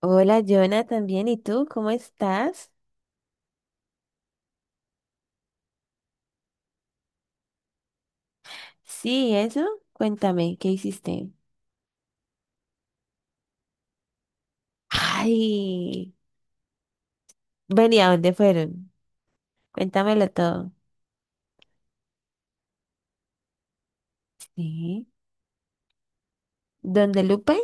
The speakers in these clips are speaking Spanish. Hola, Jonah, también. ¿Y tú? ¿Cómo estás? Sí, eso. Cuéntame, ¿qué hiciste? Ay, venía, ¿dónde fueron? Cuéntamelo todo. Sí. ¿Dónde Lupe?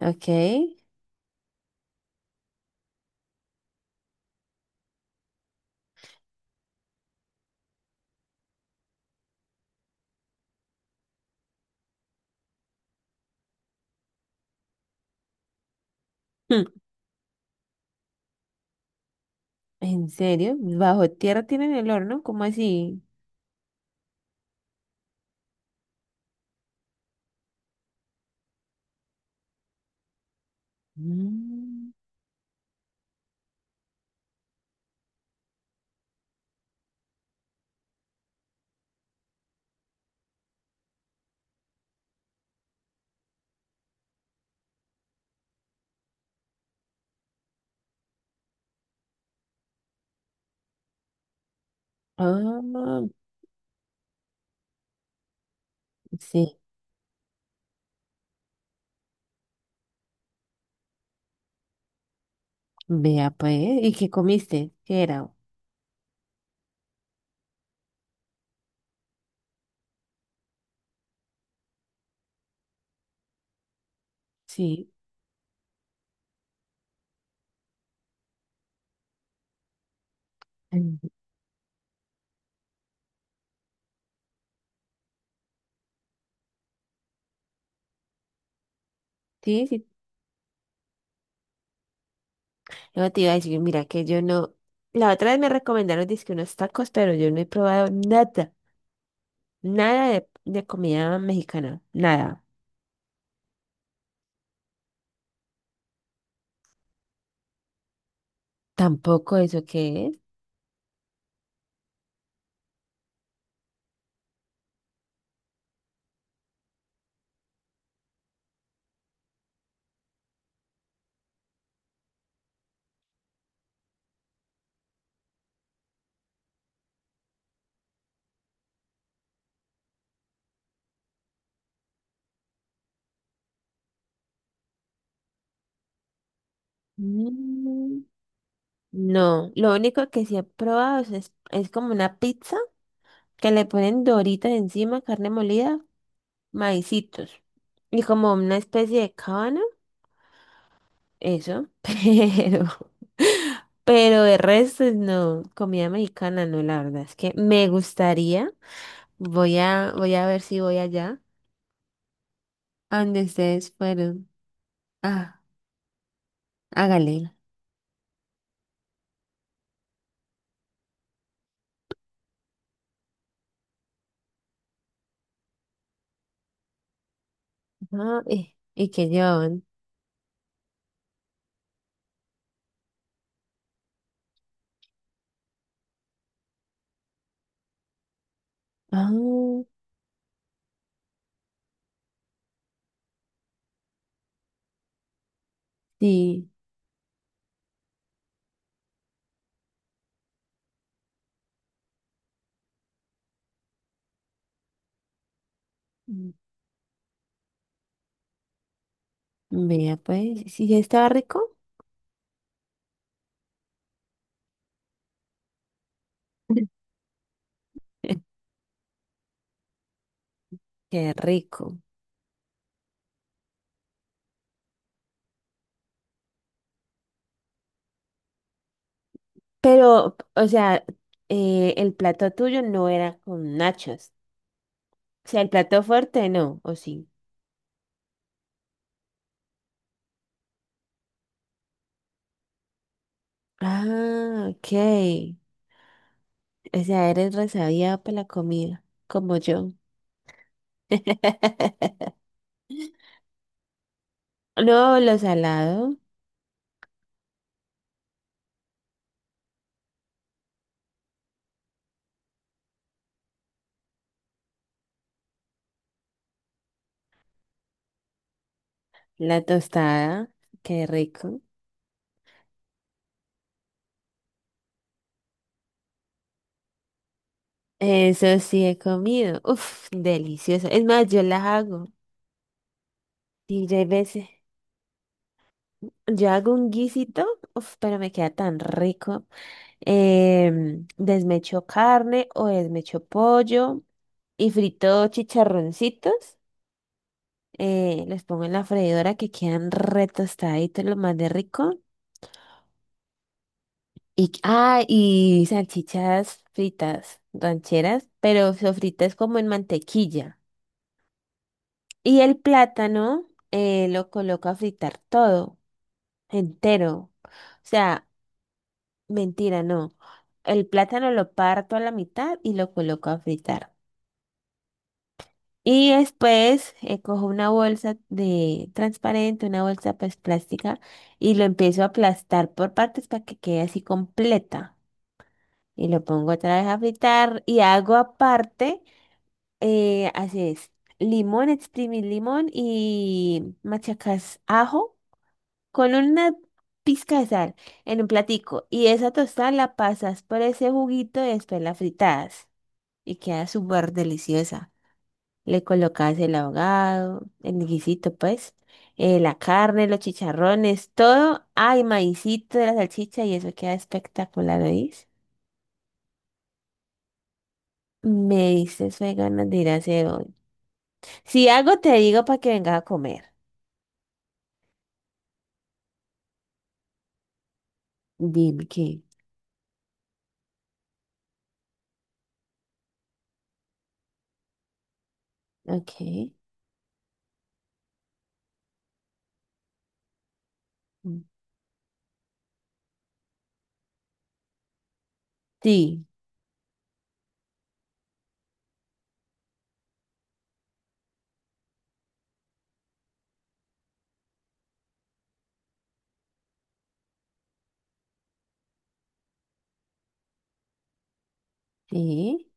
Ok. Hmm. ¿En serio? ¿Bajo tierra tienen el horno? ¿Cómo así? Mm. Ah, sí. Vea, pues. ¿Y qué comiste? ¿Qué era? Sí. Mm. Sí, sí. No te iba a decir, mira, que yo no. La otra vez me recomendaron dizque unos tacos, pero yo no he probado nada. Nada de comida mexicana, nada. Tampoco eso que es. Mm. No, lo único que sí he probado es, es como una pizza que le ponen doritas encima, carne molida, maicitos y como una especie de cábano, eso, pero de resto no, comida mexicana no, la verdad es que me gustaría, voy a ver si voy allá a donde ustedes fueron. Ah, hágale. Ah, y que llevaban. Ah, sí. Mm. Vea, pues, sí, estaba rico. Qué rico. Pero, o sea, el plato tuyo no era con nachos. O sea, el plato fuerte no, ¿o sí? Ah, ok. O sea, eres resabía para la comida, como yo. No, lo salado, la tostada, qué rico. Eso sí he comido. Uf, delicioso. Es más, yo las hago. Y ya hay veces. Yo hago un guisito, uf, pero me queda tan rico. Desmecho carne o desmecho pollo y frito chicharroncitos. Los pongo en la freidora que quedan re tostaditos, lo más de rico. Y, ah, y salchichas fritas, rancheras, pero sofritas como en mantequilla. Y el plátano lo coloco a fritar todo, entero. O sea, mentira, no. El plátano lo parto a la mitad y lo coloco a fritar. Y después cojo una bolsa de transparente, una bolsa pues plástica, y lo empiezo a aplastar por partes para que quede así completa. Y lo pongo otra vez a fritar y hago aparte, así es, limón, exprimir limón y machacas ajo con una pizca de sal en un platico y esa tostada la pasas por ese juguito y después la fritas y queda súper deliciosa. Le colocas el ahogado, el guisito pues, la carne, los chicharrones, todo. Hay maicito de la salchicha y eso queda espectacular, ¿oís? Me diste fue ganas de ir a hacer hoy. Si algo te digo para que vengas a comer. Dime qué. Ok. Mm. Sí, sí.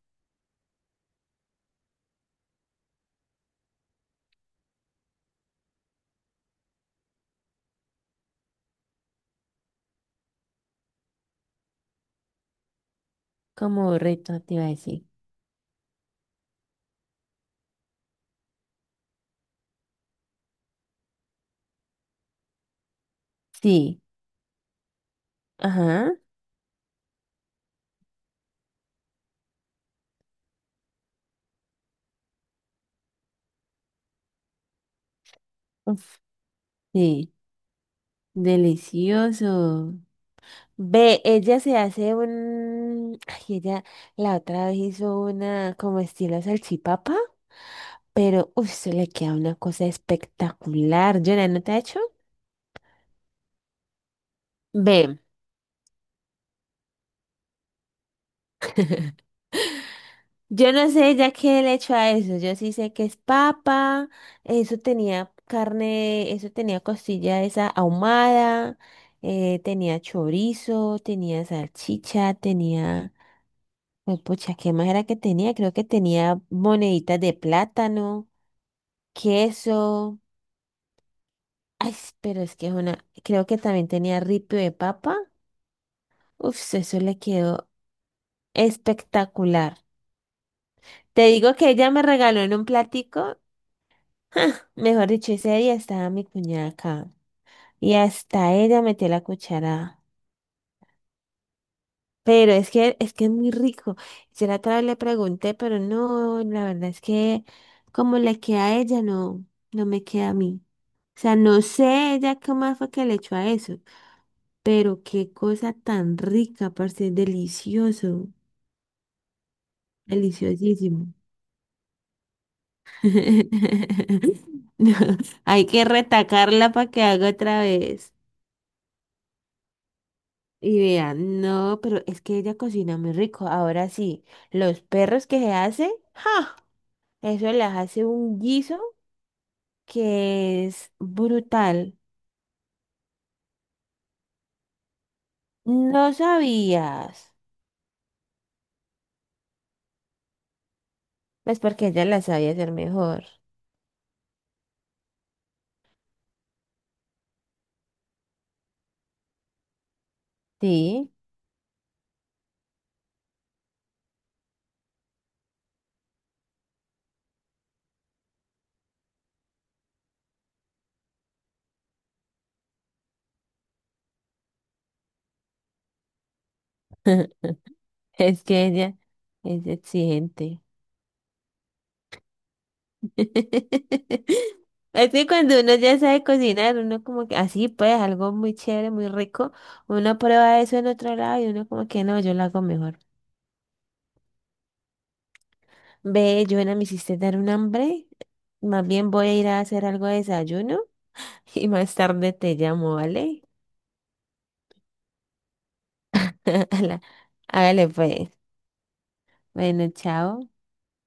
Como reto te iba a decir. Sí. Ajá. Uf, sí, delicioso. Ve, ella se hace un... Ay, ella la otra vez hizo una como estilo salchipapa, pero uf, se le queda una cosa espectacular. Yo, ¿no te ha hecho? Ve, yo no sé ya qué le hecho a eso. Yo sí sé que es papa, eso tenía carne, eso tenía costilla esa ahumada, tenía chorizo, tenía salchicha, tenía... Pues, pucha, ¿qué más era que tenía? Creo que tenía moneditas de plátano, queso. Ay, s- pero es que es una. Creo que también tenía ripio de papa. Uf, eso le quedó espectacular. Te digo que ella me regaló en un platico. Mejor dicho, ese día estaba mi cuñada acá. Y hasta ella metió la cuchara. Pero es que es muy rico. Yo la otra vez le pregunté, pero no, la verdad es que como le queda a ella, no, no me queda a mí. O sea, no sé ella qué más fue que le echó a eso, pero qué cosa tan rica, parce, es delicioso, deliciosísimo. No, hay que retacarla para que haga otra vez. Y vean, no, pero es que ella cocina muy rico. Ahora sí, los perros que se hace, ¡ja! Eso les hace un guiso que es brutal. No sabías. Pues porque ella la sabía hacer mejor. Sí. Es que ella es exigente. Es que cuando uno ya sabe cocinar, uno como que así pues, algo muy chévere, muy rico, uno prueba eso en otro lado y uno como que no, yo lo hago mejor. Ve, Joana, me hiciste dar un hambre. Más bien voy a ir a hacer algo de desayuno y más tarde te llamo, ¿vale? Hágale, hágale, pues. Bueno, chao.